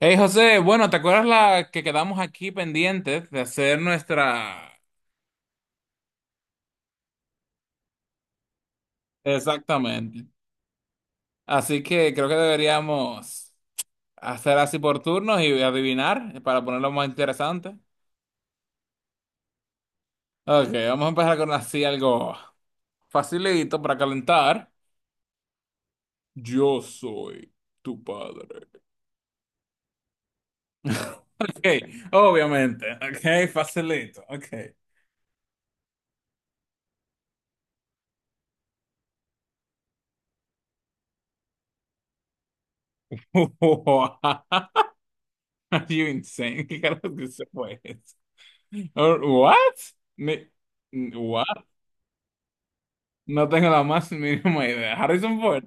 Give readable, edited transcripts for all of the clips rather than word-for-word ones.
Hey José, bueno, ¿te acuerdas la que quedamos aquí pendientes de hacer nuestra... Exactamente. Así que creo que deberíamos hacer así por turnos y adivinar para ponerlo más interesante. Ok, vamos a empezar con así algo facilito para calentar. Yo soy tu padre. Ok, obviamente. Ok, facilito. Ok. Wow. Are You insane. ¿Qué carajo que se fue Or- What? Ni- what? No tengo la más mínima idea. Harrison Ford.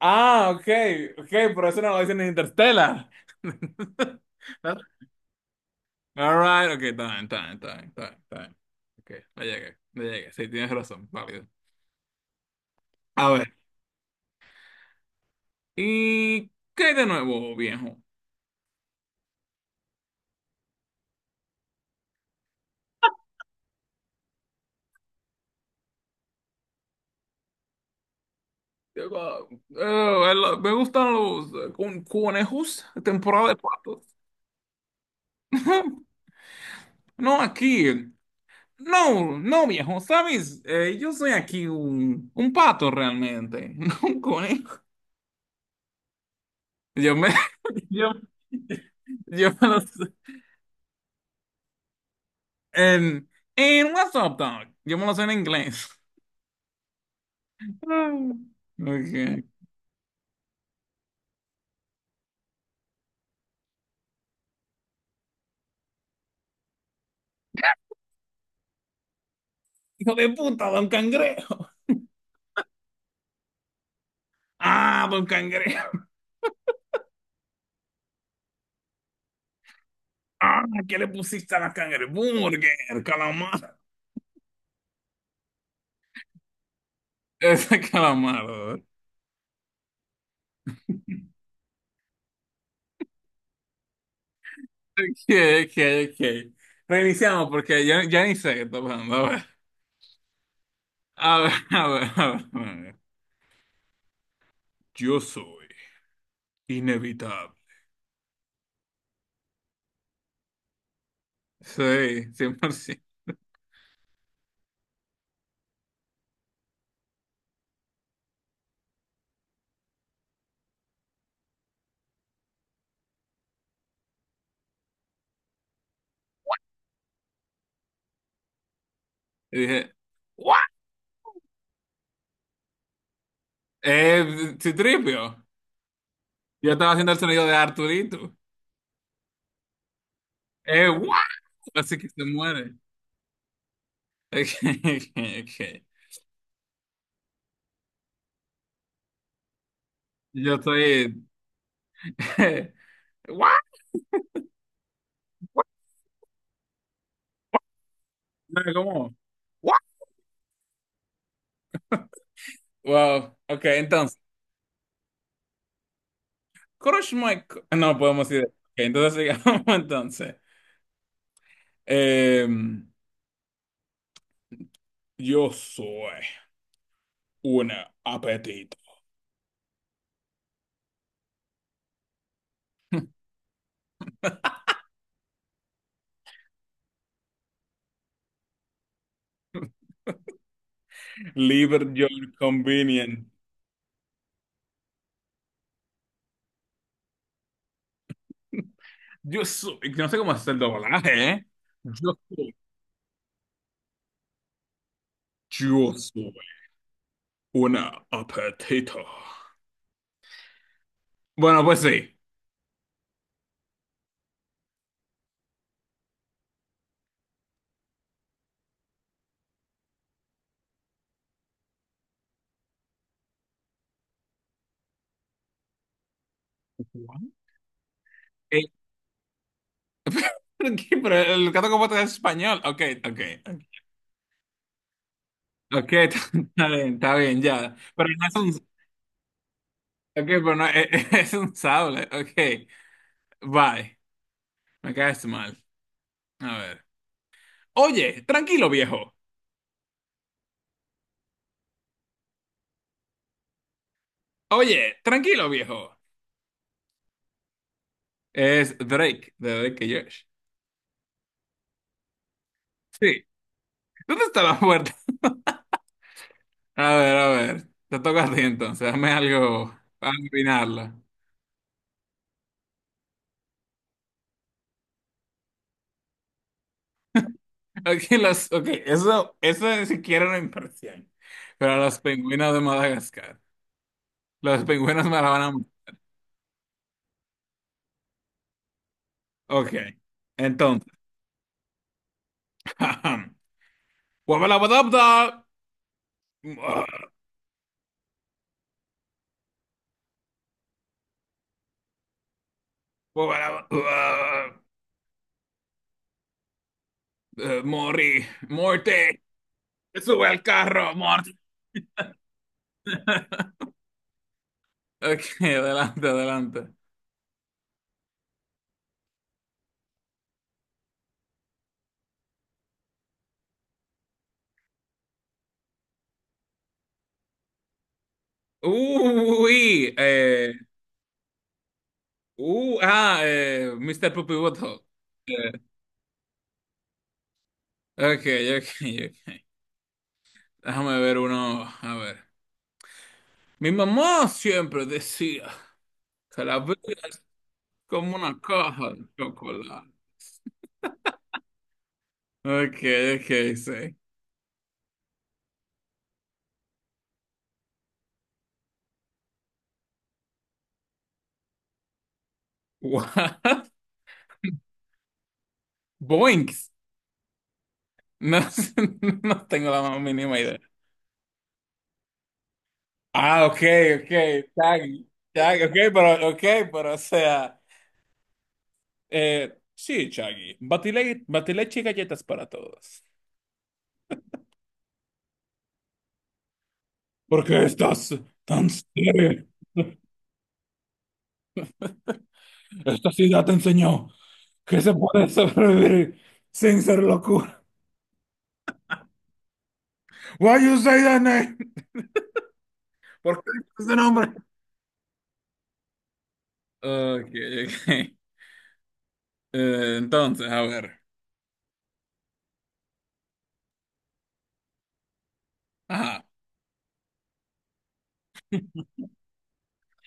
Ah, okay, okay, por eso no lo dicen en Interstellar. All right, okay, está bien, está bien, está bien, está bien, está bien. Okay, le llegué, le llegué. Sí, tienes razón, válido. A ver, ¿y qué hay de nuevo, viejo? Digo, me gustan los conejos, temporada de patos. No, aquí. No, no, viejo, ¿sabes? Yo soy aquí un pato realmente, no un conejo. Yo me, yo, yo me lo sé. En, en WhatsApp, dog. Yo me lo sé en inglés. Mm. Okay. Hijo de puta, don Cangrejo. Ah, don Cangrejo. Ah, ¿qué le pusiste a la cangreburger? Calamar. Ese calamar. ¿Verdad? Ok, ok, ok. Reiniciamos porque ya, ya ni sé qué está pasando. A ver, a ver, a ver, a ver. Yo soy inevitable. Sí, 100%. Y dije, ¿what? Citripio. Yo estaba haciendo el sonido de Arturito. ¿What? Así que se muere. Ok, ok, ok. Yo soy ¿What? ¿What? No, ¿cómo? ¿What? Wow. Ok, entonces. Crush my. No podemos ir. Ok, entonces sigamos entonces. Em, yo soy una apetito. Liber your convenience. Yo soy, no sé cómo hacer el doblaje, ¿eh? Yo soy, yo soy una apetito. Bueno, pues sí. ¿What? Eh, ¿Por qué? Pero el gato con botas es español. Ok, ok. Ok, ok, está bien, ya. Pero no es un, ok, pero no, es, un sable. Ok, bye. Me caes mal. A ver. Oye, tranquilo, viejo. Oye, tranquilo, viejo. Es Drake, de Drake y Josh. Sí. ¿Dónde está la puerta? A ver, te toca a ti entonces, dame algo para adivinarla. Aquí los, ok, eso ni siquiera era una impresión. Pero los pingüinos de Madagascar, los pingüinos me la van a... Ok, entonces. Guabalabadabda. Guabalaba- Morí, muerte, sube al carro, muerte. Ok, adelante, adelante. Uy, Mr. Puppy Ok, ok, ok. Déjame ver uno. A ver. Mi mamá siempre decía que la vida es como una caja de chocolate. Ok, ok, sí. What? Boinks. No, sé, no tengo la más mínima idea. Ah, ok, ok. Chaggy. Chaggy, ok, pero, o sea. Sí, Chaggy. Batile, batileche y galletas para todos. ¿Por qué estás tan serio? Esta ciudad te enseñó que se puede sobrevivir sin ser locura. Why you say that name? ¿Por qué dices ese nombre? Ok, ok. Entonces, a ver. Ajá.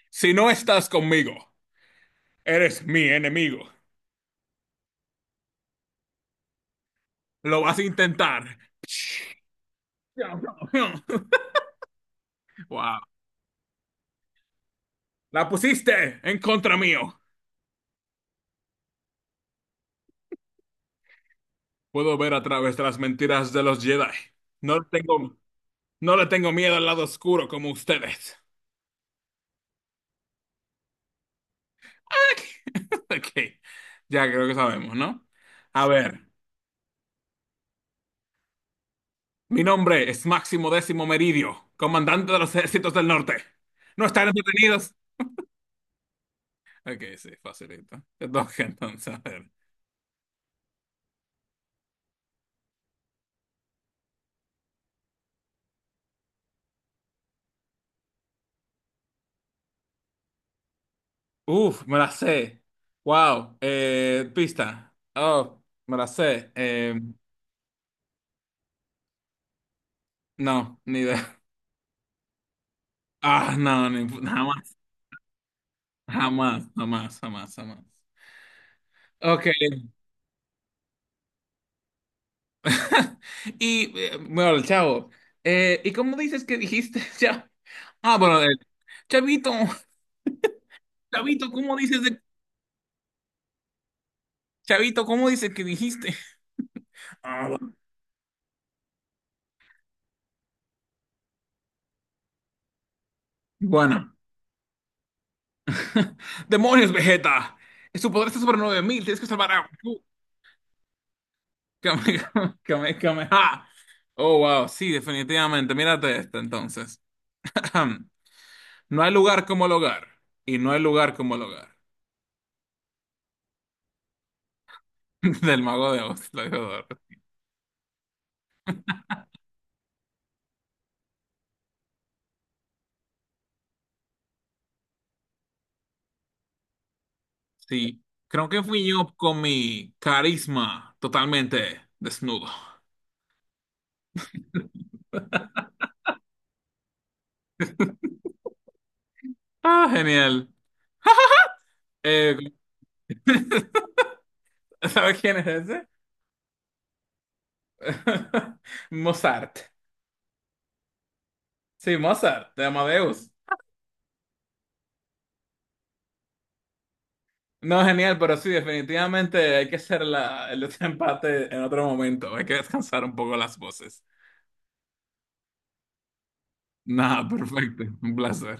Si no estás conmigo, eres mi enemigo. Lo vas a intentar. Wow. La pusiste en contra mío. Puedo ver a través de las mentiras de los Jedi. No le tengo, no le tengo miedo al lado oscuro como ustedes. Ok, ya creo que sabemos, ¿no? A ver, mi nombre es Máximo Décimo Meridio, comandante de los ejércitos del norte. ¿No están entretenidos? Ok, sí, facilito. Entonces, entonces, a ver. Uf, me la sé. Wow, pista. Oh, me la sé. No, ni idea. Ah, no, ni, jamás, jamás, jamás, jamás, jamás. Ok. Y, bueno, chavo, ¿y cómo dices que dijiste, chavo? Ah, bueno, Chavito, Chavito, ¿cómo dices de... Chavito, ¿cómo dices que dijiste? Ah, bueno. Bueno. Demonios, Vegeta. Su poder está sobre 9000. Tienes que salvar a Goku. Kame- Kame- Kameha. Oh, wow, sí, definitivamente. Mírate esta entonces. No hay lugar como el hogar. Y no hay lugar como el hogar. Del mago de Oz, lo dijo Dor. Sí, creo que fui yo con mi carisma totalmente desnudo. Ah, genial. Eh, ¿Sabes quién es ese? Mozart. Sí, Mozart, de Amadeus. No, genial, pero sí, definitivamente hay que hacer la, el otro empate en otro momento. Hay que descansar un poco las voces. Nada, perfecto. Un placer.